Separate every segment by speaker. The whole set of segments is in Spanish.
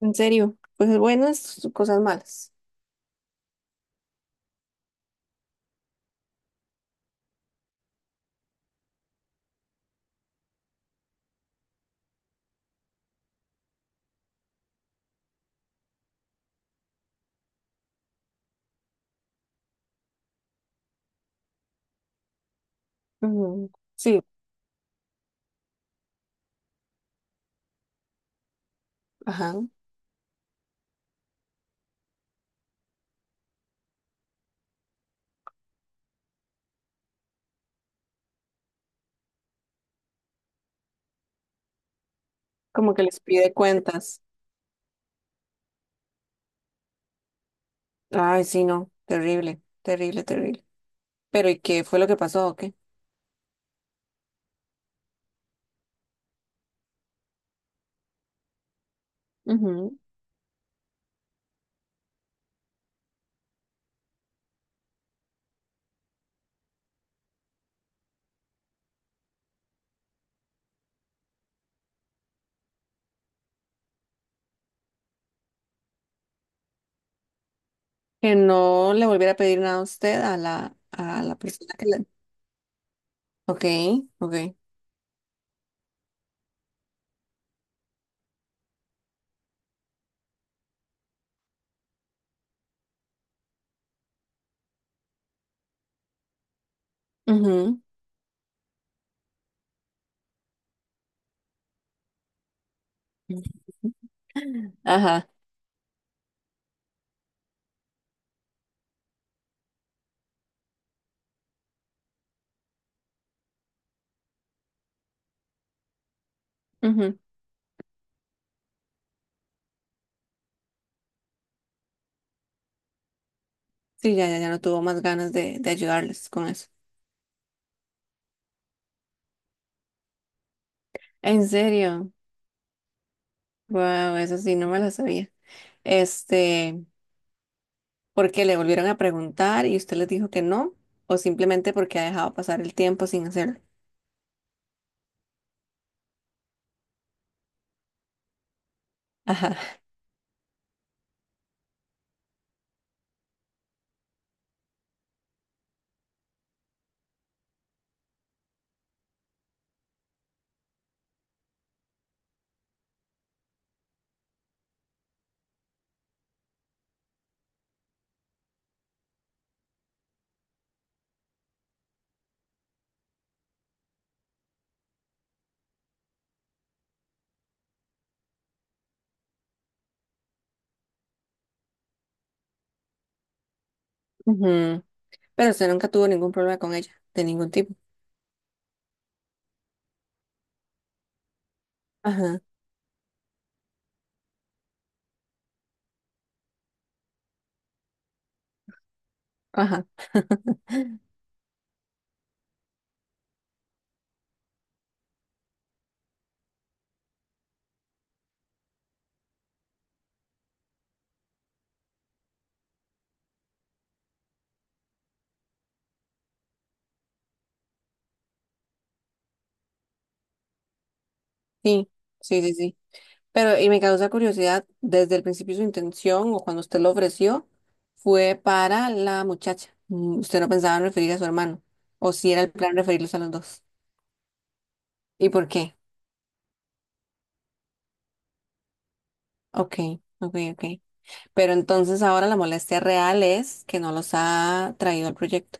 Speaker 1: En serio, cosas buenas, cosas malas. Ujú. Sí, ajá. Como que les pide cuentas. Ay, sí, no. Terrible, terrible, terrible. Pero ¿y qué fue lo que pasó o qué? Ujú. Que no le volviera a pedir nada a usted a la persona que le... Ok, ok. Ujú. Ajá. Ujú. Sí, ya, ya, ya no tuvo más ganas de ayudarles con eso. En serio. Wow, eso sí, no me la sabía. Este. Porque le volvieron a preguntar y usted les dijo que no, o simplemente porque ha dejado pasar el tiempo sin hacerlo. Ajá. Ujú. Pero usted nunca tuvo ningún problema con ella, de ningún tipo. Ajá, ajá. Sí, sí, sí, sí. Pero, y me causa curiosidad, desde el principio su intención o cuando usted lo ofreció fue para la muchacha. Usted no pensaba en referir a su hermano, o si era el plan referirlos a los dos. ¿Y por qué? Ok, ok, ok. Pero entonces ahora la molestia real es que no los ha traído al proyecto.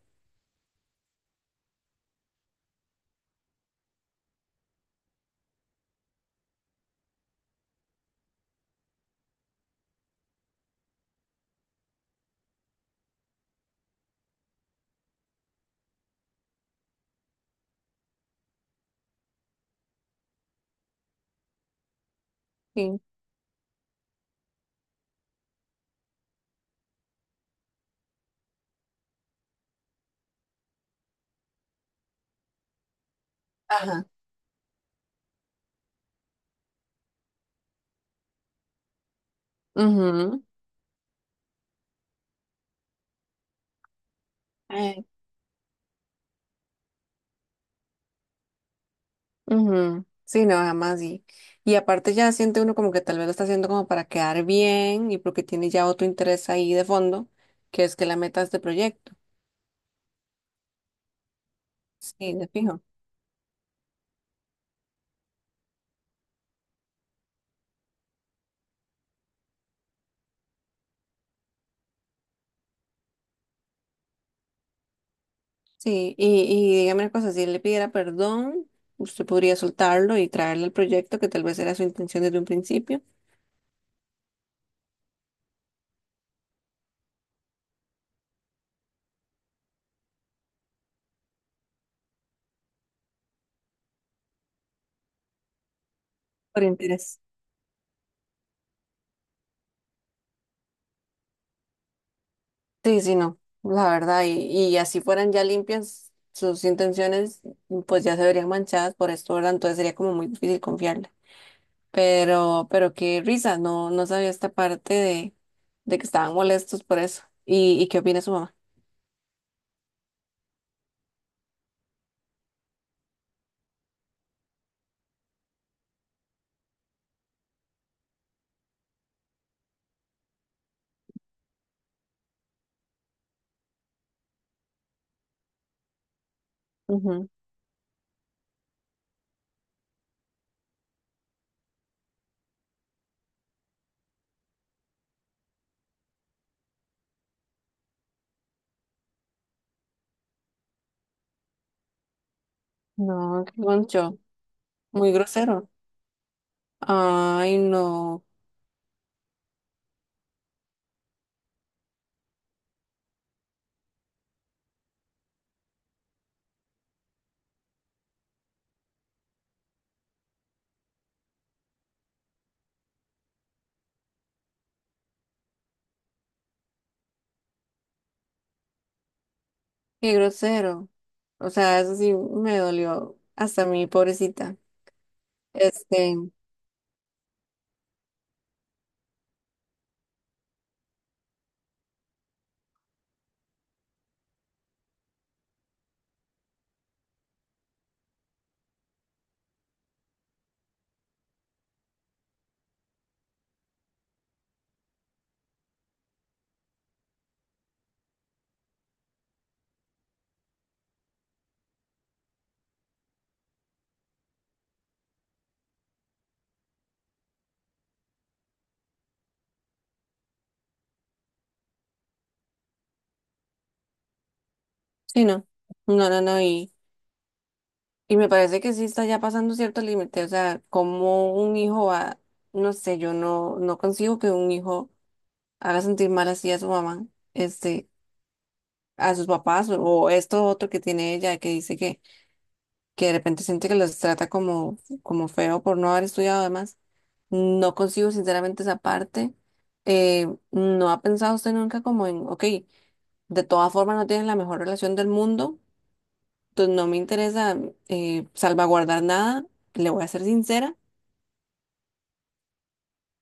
Speaker 1: Sí. Ajá. Ujú. Ay, Ujú, sí, no, jamás. Y aparte ya siente uno como que tal vez lo está haciendo como para quedar bien y porque tiene ya otro interés ahí de fondo, que es que la meta es de este proyecto. Sí, de fijo. Sí, y dígame una cosa, si él le pidiera perdón, usted podría soltarlo y traerle el proyecto que tal vez era su intención desde un principio. Por interés. Sí, sí, no, la verdad, y así fueran ya limpias sus intenciones, pues ya se verían manchadas por esto, ¿verdad? Entonces sería como muy difícil confiarle. Pero qué risa, no, no sabía esta parte de que estaban molestos por eso. Y qué opina su mamá? Ujú. No, qué concho, muy grosero. Ay, no, qué grosero. O sea, eso sí me dolió hasta mi pobrecita. Este, sí, no, y... Y me parece que sí está ya pasando cierto límite, o sea, como un hijo va, no sé, yo no consigo que un hijo haga sentir mal así a su mamá, este, a sus papás, o esto otro que tiene ella, que dice que de repente siente que los trata como, como feo por no haber estudiado además. No consigo sinceramente esa parte. ¿No ha pensado usted nunca como en, ok, de todas formas no tienen la mejor relación del mundo, entonces no me interesa salvaguardar nada, le voy a ser sincera.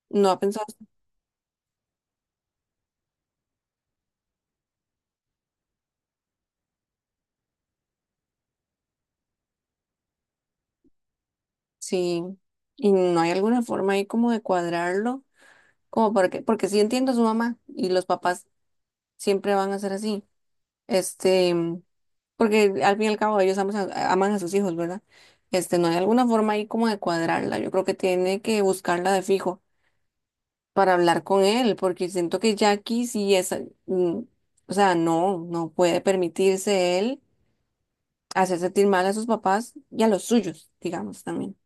Speaker 1: No ha pensado, sí. Y no hay alguna forma ahí como de cuadrarlo, como porque sí entiendo a su mamá y los papás siempre van a ser así. Este, porque al fin y al cabo ellos aman aman a sus hijos, ¿verdad? No hay alguna forma ahí como de cuadrarla. Yo creo que tiene que buscarla de fijo para hablar con él, porque siento que Jackie sí es, mm, o sea, no, no puede permitirse él hacer sentir mal a sus papás y a los suyos, digamos también.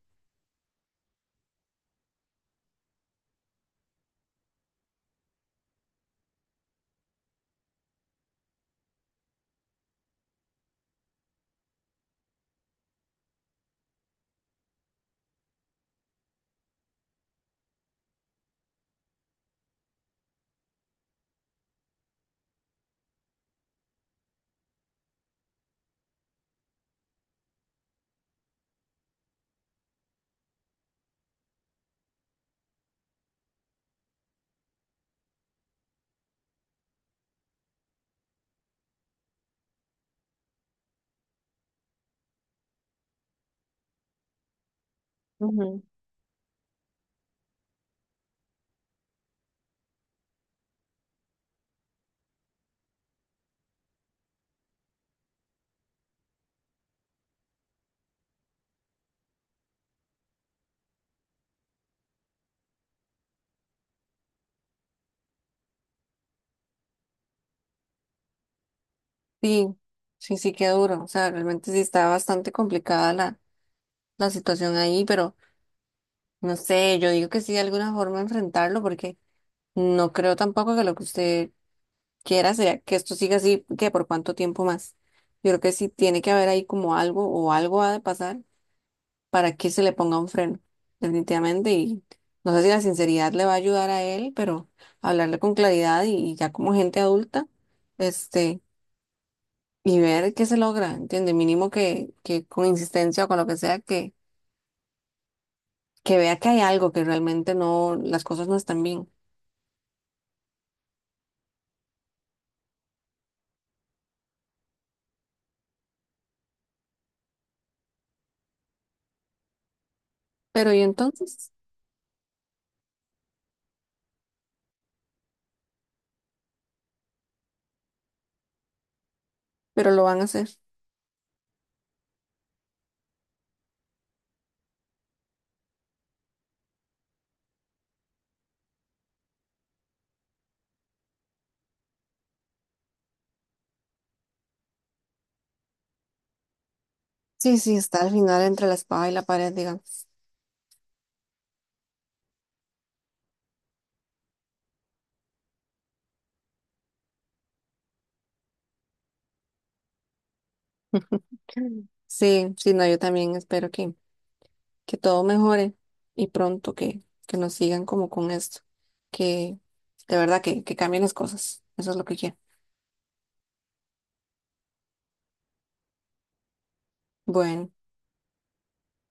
Speaker 1: Sí, sí, sí, qué duro. O sea, realmente sí está bastante complicada la situación ahí, pero no sé, yo digo que sí de alguna forma enfrentarlo, porque no creo tampoco que lo que usted quiera sea que esto siga así, que por cuánto tiempo más. Yo creo que sí tiene que haber ahí como algo o algo ha de pasar para que se le ponga un freno, definitivamente. Y no sé si la sinceridad le va a ayudar a él, pero hablarle con claridad y ya como gente adulta, este y ver qué se logra, ¿entiendes? Mínimo que con insistencia o con lo que sea, que vea que hay algo, que realmente no, las cosas no están bien. Pero ¿y entonces? Pero lo van a hacer. Sí, sí, está al final entre la espada y la pared, digamos. Sí, sí, no, yo también espero que todo mejore y pronto que nos sigan como con esto, que de verdad que cambien las cosas. Eso es lo que quiero. Bueno.